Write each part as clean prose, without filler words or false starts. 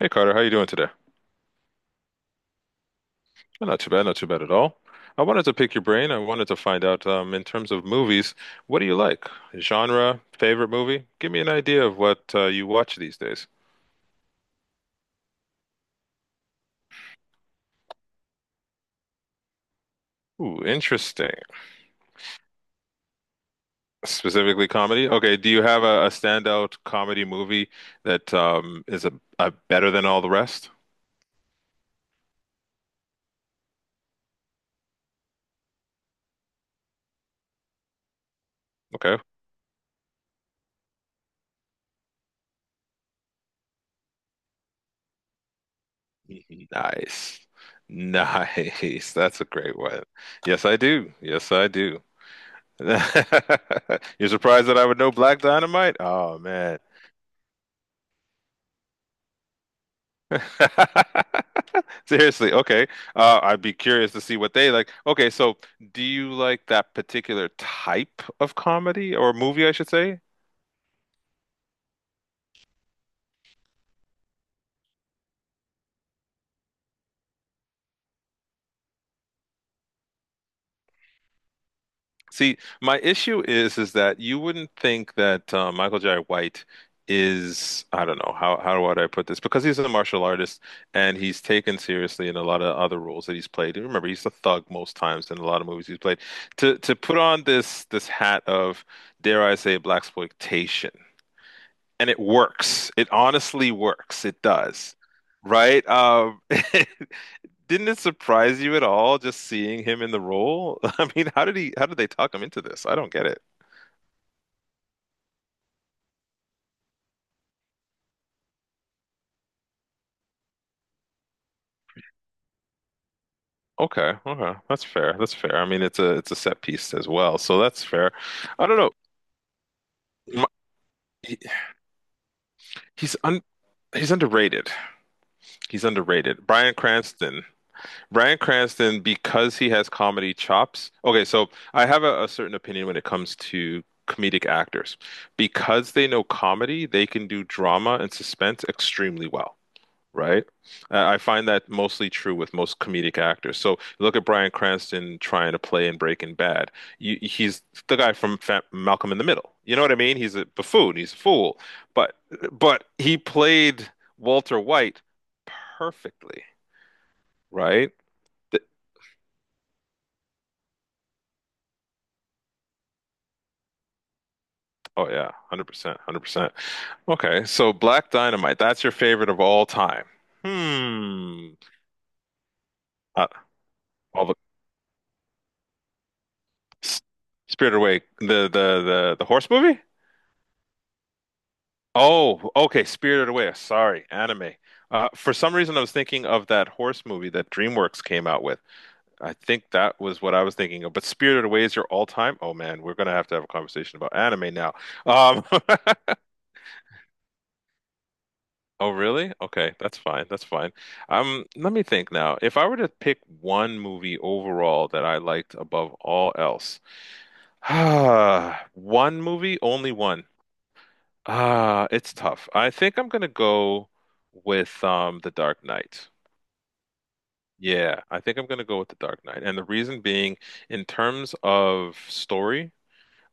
Hey Carter, how you doing today? Oh, not too bad, not too bad at all. I wanted to pick your brain. I wanted to find out, in terms of movies, what do you like? Genre, favorite movie? Give me an idea of what you watch these days. Ooh, interesting. Specifically comedy? Okay, do you have a standout comedy movie that is a better than all the rest? Okay. Nice. Nice. That's a great one. Yes, I do. Yes, I do. You're surprised that I would know Black Dynamite? Oh man. Seriously, okay. I'd be curious to see what they like. Okay, so do you like that particular type of comedy or movie, I should say? See, my issue is that you wouldn't think that Michael Jai White is, I don't know, how would I put this, because he's a martial artist and he's taken seriously in a lot of other roles that he's played. And remember, he's a thug most times in a lot of movies he's played. To put on this hat of, dare I say, black exploitation, and it works. It honestly works. It does. Right? Didn't it surprise you at all just seeing him in the role? I mean, how did they talk him into this? I don't get it. Okay, okay. That's fair. That's fair. I mean, it's a set piece as well, so that's fair. I don't know. My- he- he's un he's underrated. He's underrated. Bryan Cranston. Bryan Cranston, because he has comedy chops. Okay, so I have a certain opinion when it comes to comedic actors. Because they know comedy, they can do drama and suspense extremely well. Right? I find that mostly true with most comedic actors. So look at Bryan Cranston trying to play in Breaking Bad. He's the guy from Fa Malcolm in the Middle. You know what I mean? He's a buffoon. He's a fool. But but he played Walter White perfectly. Right? Th- Oh yeah, 100%, 100%. Okay, so Black Dynamite, that's your favorite of all time. Hmm. Uh, all the S- Spirited Away, the horse movie? Oh, okay, Spirited Away. Sorry, anime. For some reason, I was thinking of that horse movie that DreamWorks came out with. I think that was what I was thinking of. But Spirited Away is your all-time. Oh man, we're gonna have to have a conversation about anime now. Um, oh really? Okay, that's fine. That's fine. Let me think now. If I were to pick one movie overall that I liked above all else, one movie, only one. Ah, it's tough. I think I'm gonna go with The Dark Knight. Yeah, I think I'm gonna go with The Dark Knight. And the reason being, in terms of story,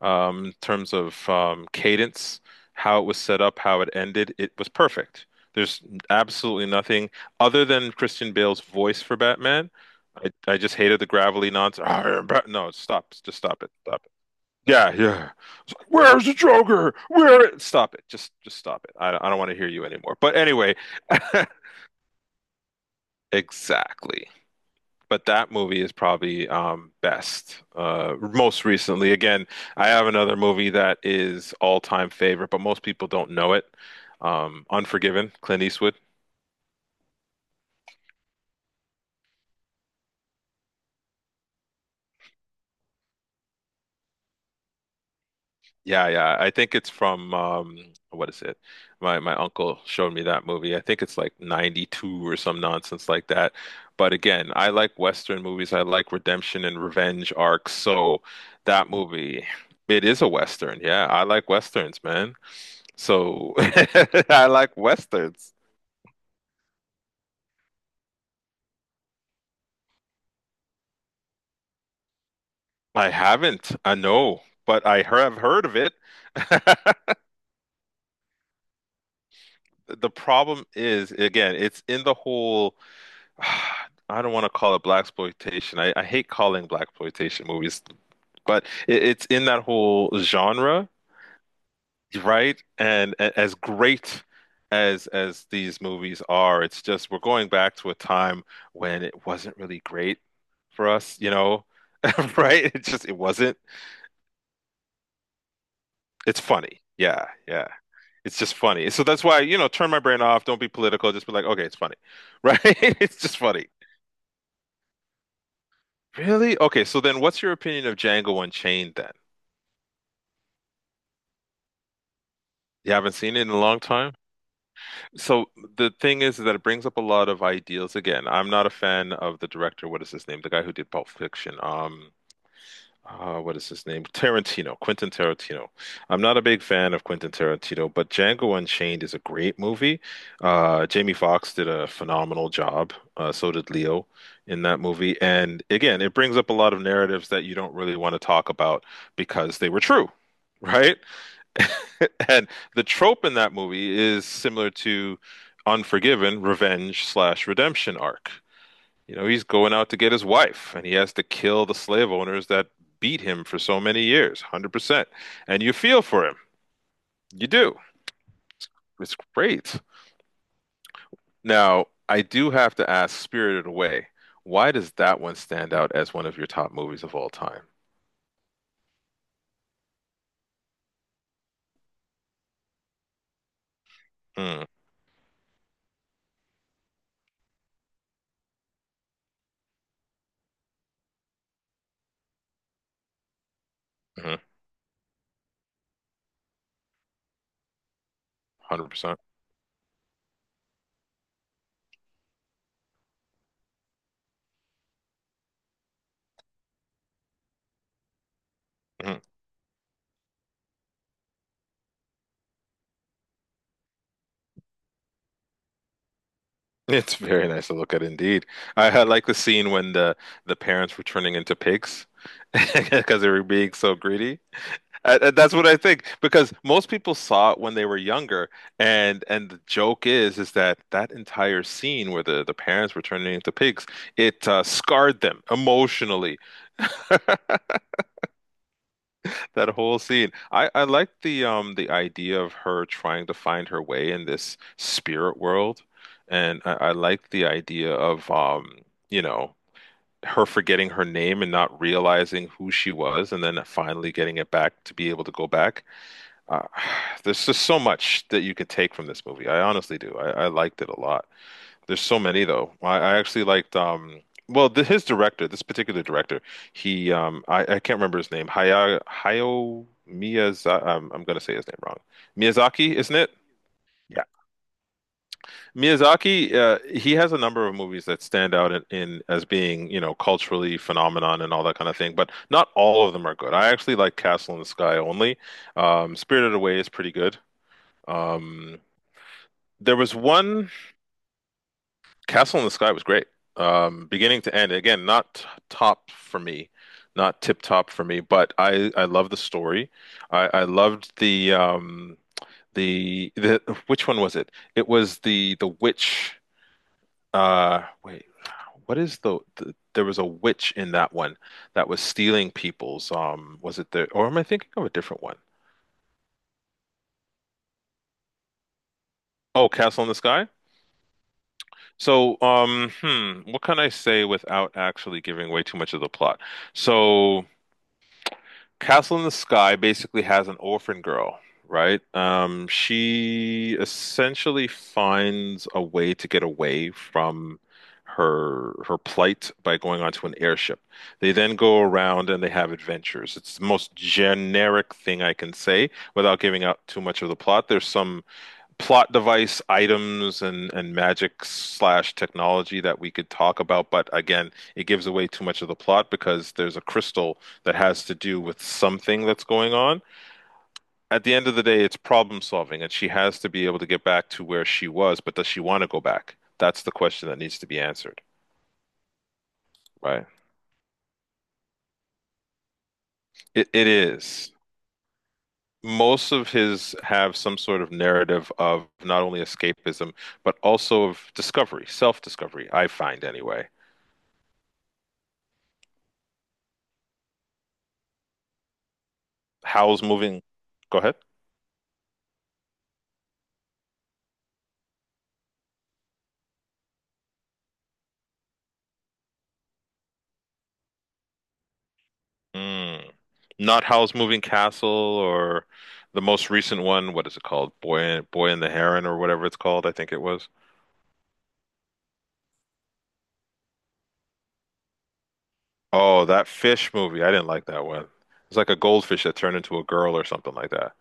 in terms of cadence, how it was set up, how it ended, it was perfect. There's absolutely nothing other than Christian Bale's voice for Batman. I just hated the gravelly nonsense. "Arr, Bat-" No, stop. Just stop it. Stop, yeah, yeah. It's like, where's the Joker? Where? Stop it. Just stop it. I don't want to hear you anymore. But anyway, exactly. But that movie is probably best. Most recently, again, I have another movie that is all-time favorite, but most people don't know it. Unforgiven, Clint Eastwood. Yeah, yeah. I think it's from what is it? My uncle showed me that movie. I think it's like 92 or some nonsense like that. But again, I like Western movies. I like redemption and revenge arcs. So that movie, it is a Western. Yeah, I like Westerns, man. So I like Westerns. I haven't, I know, but I have heard of it. The problem is, again, it's in the whole, I don't want to call it black exploitation. I hate calling black exploitation movies, but it's in that whole genre, right? And as great as these movies are, it's just we're going back to a time when it wasn't really great for us, you know, right? It just it wasn't. It's funny. Yeah, yeah. It's just funny. So that's why, you know, turn my brain off, don't be political, just be like, okay, it's funny. Right? It's just funny. Really? Okay, so then what's your opinion of Django Unchained then? You haven't seen it in a long time? So the thing is that it brings up a lot of ideals again. I'm not a fan of the director. What is his name? The guy who did Pulp Fiction. What is his name? Tarantino, Quentin Tarantino. I'm not a big fan of Quentin Tarantino, but Django Unchained is a great movie. Jamie Foxx did a phenomenal job. So did Leo in that movie. And again, it brings up a lot of narratives that you don't really want to talk about because they were true, right? And the trope in that movie is similar to Unforgiven, revenge slash redemption arc. You know, he's going out to get his wife, and he has to kill the slave owners that beat him for so many years, 100%. And you feel for him. You do. It's great. Now, I do have to ask, Spirited Away, why does that one stand out as one of your top movies of all time? Mm, hmm. 100%. Mhm. It's very nice to look at indeed. I like the scene when the parents were turning into pigs because they were being so greedy. That's what I think, because most people saw it when they were younger, and the joke is that that entire scene where the parents were turning into pigs, it scarred them emotionally. That whole scene. I like the idea of her trying to find her way in this spirit world, and I like the idea of, you know, her forgetting her name and not realizing who she was, and then finally getting it back to be able to go back. Uh, there's just so much that you could take from this movie. I honestly do. I liked it a lot. There's so many though. I actually liked well the, his director, this particular director, he I can't remember his name. Hayao Miyazaki. I'm gonna say his name wrong. Miyazaki, isn't it? Yeah. Miyazaki, he has a number of movies that stand out in as being, you know, culturally phenomenon and all that kind of thing, but not all of them are good. I actually like Castle in the Sky only. Spirited Away is pretty good. Um, There was one Castle in the Sky was great, beginning to end. Again, not top for me, not tip top for me, but I love the story. I loved the which one was it? It was the witch. Wait, what is the, there was a witch in that one that was stealing people's. Was it the or am I thinking of a different one? Oh, Castle in the Sky? So, hmm, what can I say without actually giving away too much of the plot? So, Castle in the Sky basically has an orphan girl, right? She essentially finds a way to get away from her plight by going onto an airship. They then go around and they have adventures. It's the most generic thing I can say without giving out too much of the plot. There's some plot device items and magic slash technology that we could talk about, but again, it gives away too much of the plot because there's a crystal that has to do with something that's going on. At the end of the day, it's problem solving, and she has to be able to get back to where she was, but does she want to go back? That's the question that needs to be answered, right? It is. Most of his have some sort of narrative of not only escapism, but also of discovery, self-discovery, I find anyway. Howl's Moving. Go ahead. Mm. Not Howl's Moving Castle or the most recent one. What is it called? Boy and the Heron or whatever it's called. I think it was. Oh, that fish movie. I didn't like that one. It's like a goldfish that turned into a girl or something like that.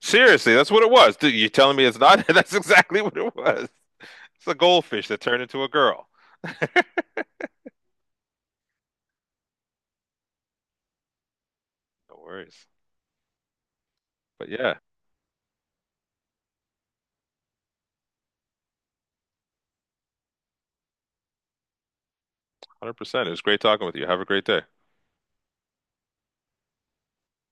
Seriously, that's what it was. Dude, you telling me it's not? That's exactly what it was. It's a goldfish that turned into a girl. No worries. But yeah, 100%. It was great talking with you. Have a great day.